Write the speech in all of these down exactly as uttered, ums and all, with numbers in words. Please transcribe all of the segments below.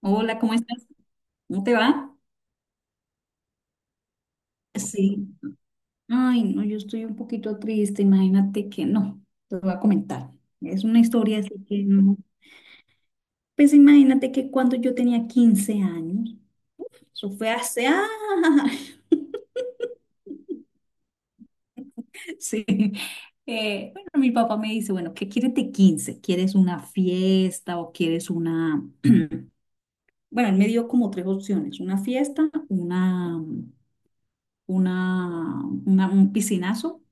Hola, ¿cómo estás? ¿Cómo te va? Sí. Ay, no, yo estoy un poquito triste, imagínate que no, te voy a comentar. Es una historia así que no. Pues imagínate que cuando yo tenía quince años, eso fue hace... ¡Ah! Sí. Eh, bueno, mi papá me dice, bueno, ¿qué quieres de quince? ¿Quieres una fiesta o quieres una... Bueno, él me dio como tres opciones, una fiesta, una, una, una- un piscinazo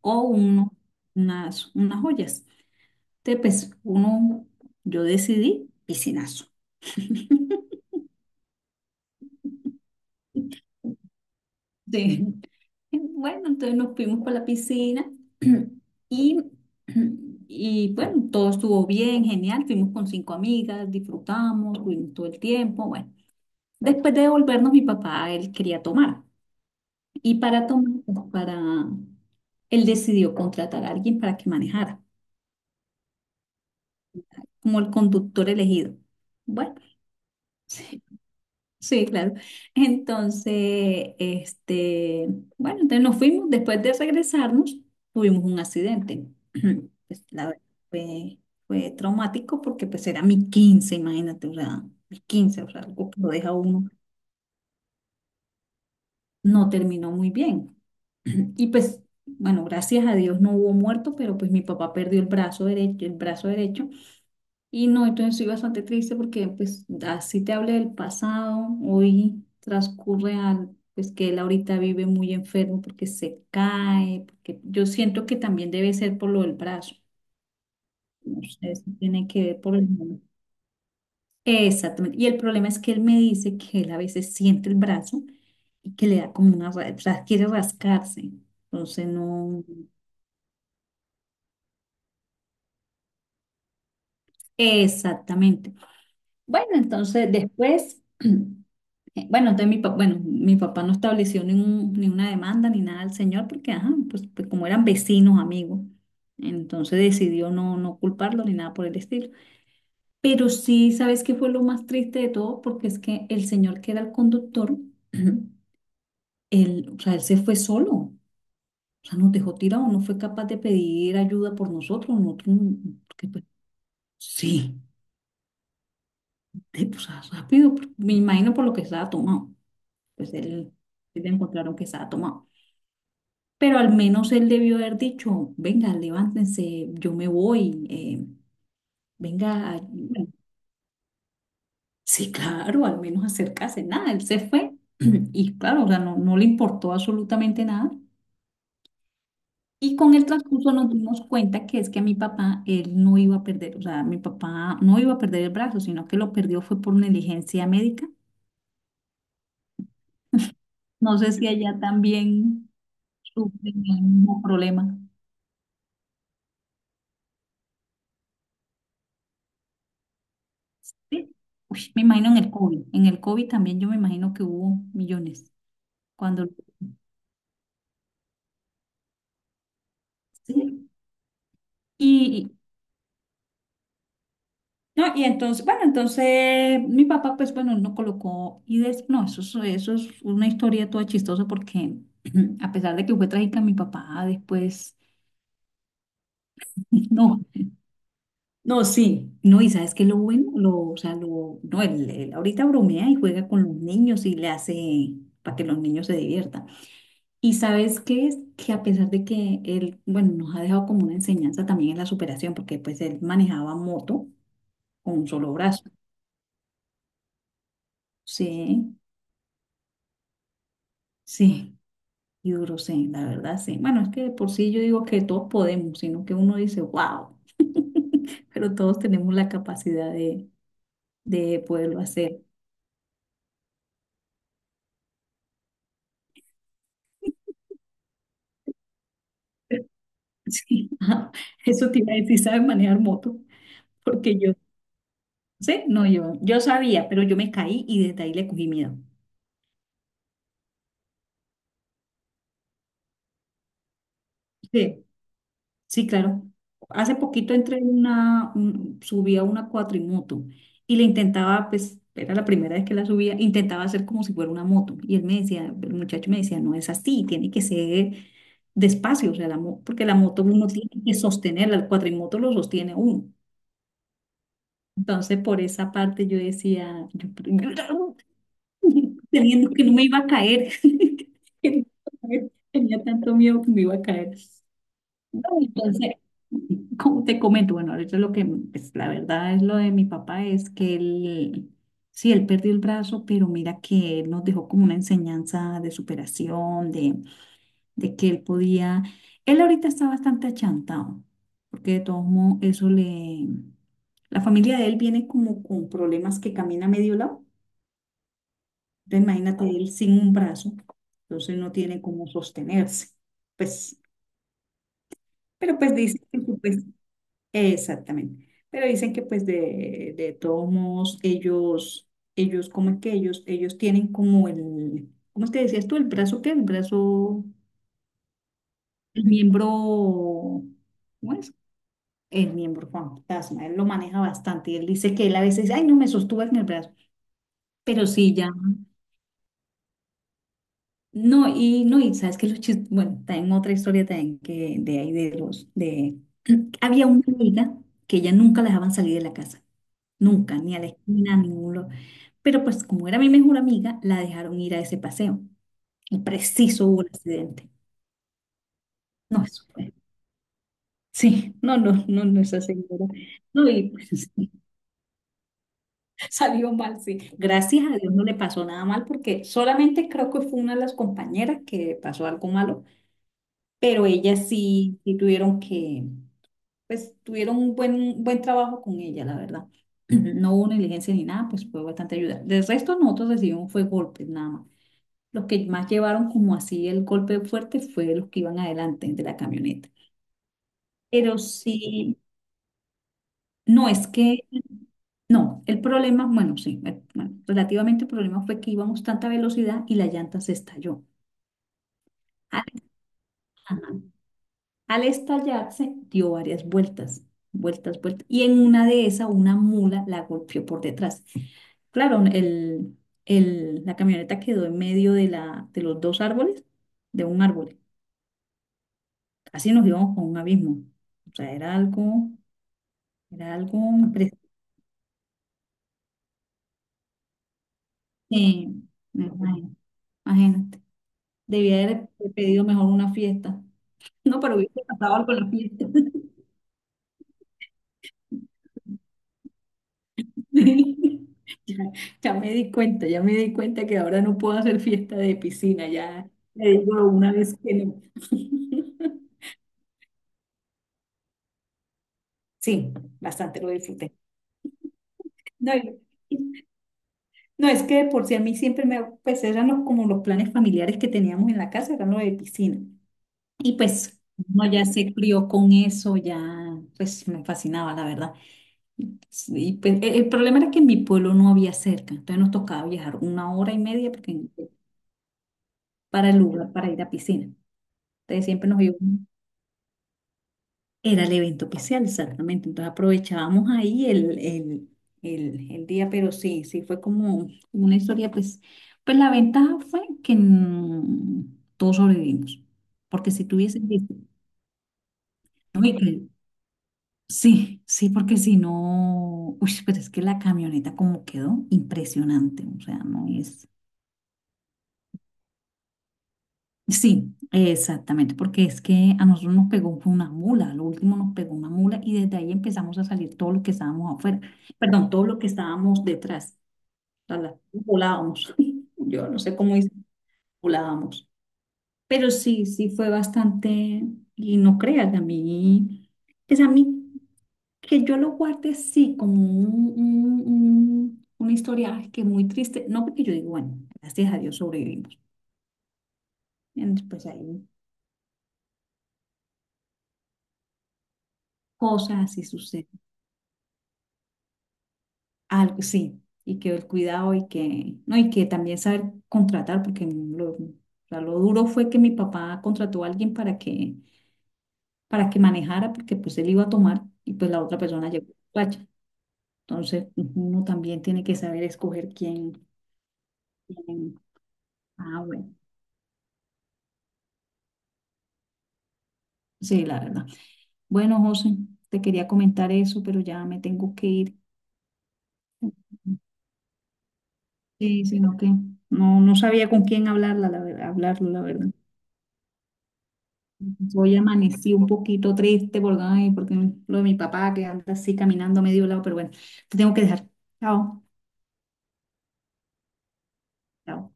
o uno, unas, unas joyas. Entonces, pues uno, yo decidí piscinazo. Sí. Bueno, entonces nos fuimos para la piscina y, y bueno, todo estuvo bien, genial. Fuimos con cinco amigas, disfrutamos, tuvimos todo el tiempo. Bueno, después de devolvernos, mi papá, él quería tomar. Y para tomar, pues, para, él decidió contratar a alguien para que manejara, como el conductor elegido. Bueno. Sí, claro. Entonces, este, bueno, entonces nos fuimos, después de regresarnos, tuvimos un accidente. Pues, la verdad, fue, fue traumático porque pues era mi quince, imagínate, o sea, mi quince, o sea, algo que lo deja uno, no terminó muy bien. Y pues, bueno, gracias a Dios no hubo muerto, pero pues mi papá perdió el brazo derecho, el brazo derecho Y no, entonces estoy bastante triste porque pues así te hablé del pasado, hoy transcurre al, pues que él ahorita vive muy enfermo porque se cae, porque yo siento que también debe ser por lo del brazo, no sé si tiene que ver por el... Exactamente, y el problema es que él me dice que él a veces siente el brazo y que le da como una, ra- o sea, quiere rascarse, entonces no, exactamente. Bueno, entonces después... Eh, bueno, entonces mi, pa- bueno, mi papá no estableció ni, un- ni una demanda ni nada al señor porque, ajá, pues, pues, como eran vecinos, amigos, entonces decidió no, no culparlo ni nada por el estilo. Pero sí, ¿sabes qué fue lo más triste de todo? Porque es que el señor que era el conductor, él, o sea, él se fue solo, o sea, nos dejó tirados, no fue capaz de pedir ayuda por nosotros, nosotros, mm, porque, pues, sí, de- o sea, rápido, me imagino por lo que estaba tomado, pues él, él encontraron que estaba tomado. Pero al menos él debió haber dicho, venga, levántense, yo me voy, eh, venga, ayúdenme. Sí, claro, al menos acercarse, nada, él se fue y claro, o sea, no, no le importó absolutamente nada. Y con el transcurso nos dimos cuenta que es que a mi papá, él no iba a perder, o sea, mi papá no iba a perder el brazo, sino que lo perdió fue por negligencia médica. No sé si allá también sufren el mismo problema. Sí. Uy, me imagino en el COVID, en el COVID también yo me imagino que hubo millones. Cuando sí. Y, no, y entonces, bueno, entonces mi papá, pues bueno, no colocó y des- no, eso es, eso es una historia toda chistosa porque a pesar de que fue trágica, mi papá después, no, no, sí, no, y sabes que lo bueno, lo, o sea, lo, no, él, él ahorita bromea y juega con los niños y le hace para que los niños se diviertan. Y sabes qué es que a pesar de que él, bueno, nos ha dejado como una enseñanza también en la superación, porque pues él manejaba moto con un solo brazo. Sí, sí, yo creo sí, la verdad sí. Bueno, es que de por sí yo digo que todos podemos, sino que uno dice, wow, pero todos tenemos la capacidad de, de poderlo hacer. Sí, ajá, eso te iba a decir, ¿sabes manejar moto? Porque yo, sí, no, yo, yo sabía, pero yo me caí y desde ahí le cogí miedo. Sí. Sí, claro. Hace poquito entré en una, un- subí a una cuatrimoto y le intentaba, pues, era la primera vez que la subía, intentaba hacer como si fuera una moto. Y él me decía, el muchacho me decía, no es así, tiene que ser despacio, o sea, la, mo- porque la moto uno tiene que sostenerla, el cuatrimoto lo sostiene uno. Entonces, por esa parte yo decía, yo, teniendo que no me iba a caer, que no me iba a caer, tenía tanto miedo que me iba a caer. No, entonces, como te comento, bueno, ahorita lo que, pues la verdad es lo de mi papá es que él, sí, él perdió el brazo, pero mira que él nos dejó como una enseñanza de superación, de, de que él podía, él ahorita está bastante achantado, porque de todos modos eso le, la familia de él viene como con problemas que camina a medio lado, entonces imagínate él sin un brazo, entonces no tiene cómo sostenerse, pues, pero pues dice que supuestamente exactamente. Pero dicen que pues de, de todos modos ellos, ellos, cómo es que ellos, ellos tienen como el, ¿cómo te decías tú? El brazo qué, el brazo, el miembro, ¿cómo es? El miembro fantasma, él lo maneja bastante y él dice que él a veces, ay, no me sostuve en el brazo, pero sí ya, no, y no, y sabes que los chistes, bueno, también otra historia también que de ahí de los, de, había una amiga que ella nunca la dejaban salir de la casa. Nunca, ni a la esquina, a ningún lo- Pero pues como era mi mejor amiga, la dejaron ir a ese paseo. Y preciso hubo un accidente. No, eso fue. Sí, no, no, no, no, esa señora. No, y pues, sí, salió mal, sí. Gracias a Dios no le pasó nada mal porque solamente creo que fue una de las compañeras que pasó algo malo, pero ellas sí, sí tuvieron que, pues tuvieron un buen, un buen trabajo con ella, la verdad. No hubo negligencia ni nada, pues fue bastante ayuda. Del resto nosotros recibimos fue golpes nada más. Los que más llevaron como así el golpe fuerte fue los que iban adelante de la camioneta. Pero sí, no es que, no, el problema, bueno, sí, eh, bueno, relativamente el problema fue que íbamos tanta velocidad y la llanta se estalló. Al, ajá, al estallarse dio varias vueltas, vueltas, vueltas. Y en una de esas una mula la golpeó por detrás. Claro, el, el- la camioneta quedó en medio de, la, de los dos árboles, de un árbol. Casi nos íbamos con un abismo. O sea, era algo, era algo impresionante. Imagínate. Debía haber pedido mejor una fiesta. No, pero hubiese pasado algo en la fiesta. Ya, ya me di cuenta, ya me di cuenta que ahora no puedo hacer fiesta de piscina, ya le digo una vez que no. Sí, bastante lo disfruté. No, y- no, es que de por si a mí siempre me, pues eran los, como los planes familiares que teníamos en la casa, eran los de piscina. Y pues uno ya se crió con eso, ya pues me fascinaba, la verdad. Y pues, e- el problema era que en mi pueblo no había cerca, entonces nos tocaba viajar una hora y media porque, para el lugar, para ir a piscina. Entonces siempre nos íbamos, era el evento especial, exactamente. Entonces aprovechábamos ahí el, el, el, el día, pero sí, sí fue como una historia, pues, pues la ventaja fue que mm, todos sobrevivimos, porque si tuviesen visto, sí, sí, porque si no, uy, pero es que la camioneta como quedó impresionante, o sea, no es... Sí, exactamente, porque es que a nosotros nos pegó fue una mula, lo último nos pegó una mula y desde ahí empezamos a salir todo lo que estábamos afuera, perdón, todo lo que estábamos detrás, o sea, la- volábamos, yo no sé cómo dice, volábamos, pero sí, sí fue bastante, y no creas, a mí, pues a mí. Que yo lo guarde sí como un, un- un- una historia ay, que muy triste, no porque yo digo, bueno, gracias a Dios sobrevivimos. Entonces, pues hay cosas y sucede algo, sí, y que el cuidado y que, no, y que también saber contratar, porque lo, o sea, lo duro fue que mi papá contrató a alguien para que, para que manejara, porque pues él iba a tomar y pues la otra persona llegó borracha. Entonces, uno también tiene que saber escoger quién, quién. Ah, bueno, sí, la verdad. Bueno, José, te quería comentar eso, pero ya me tengo que ir. Sí, sino que no, no sabía con quién hablarla, la verdad, hablarlo, la verdad. Hoy amanecí un poquito triste porque, ay, porque lo de mi papá que anda así caminando a medio lado, pero bueno, te tengo que dejar. Chao. Chao.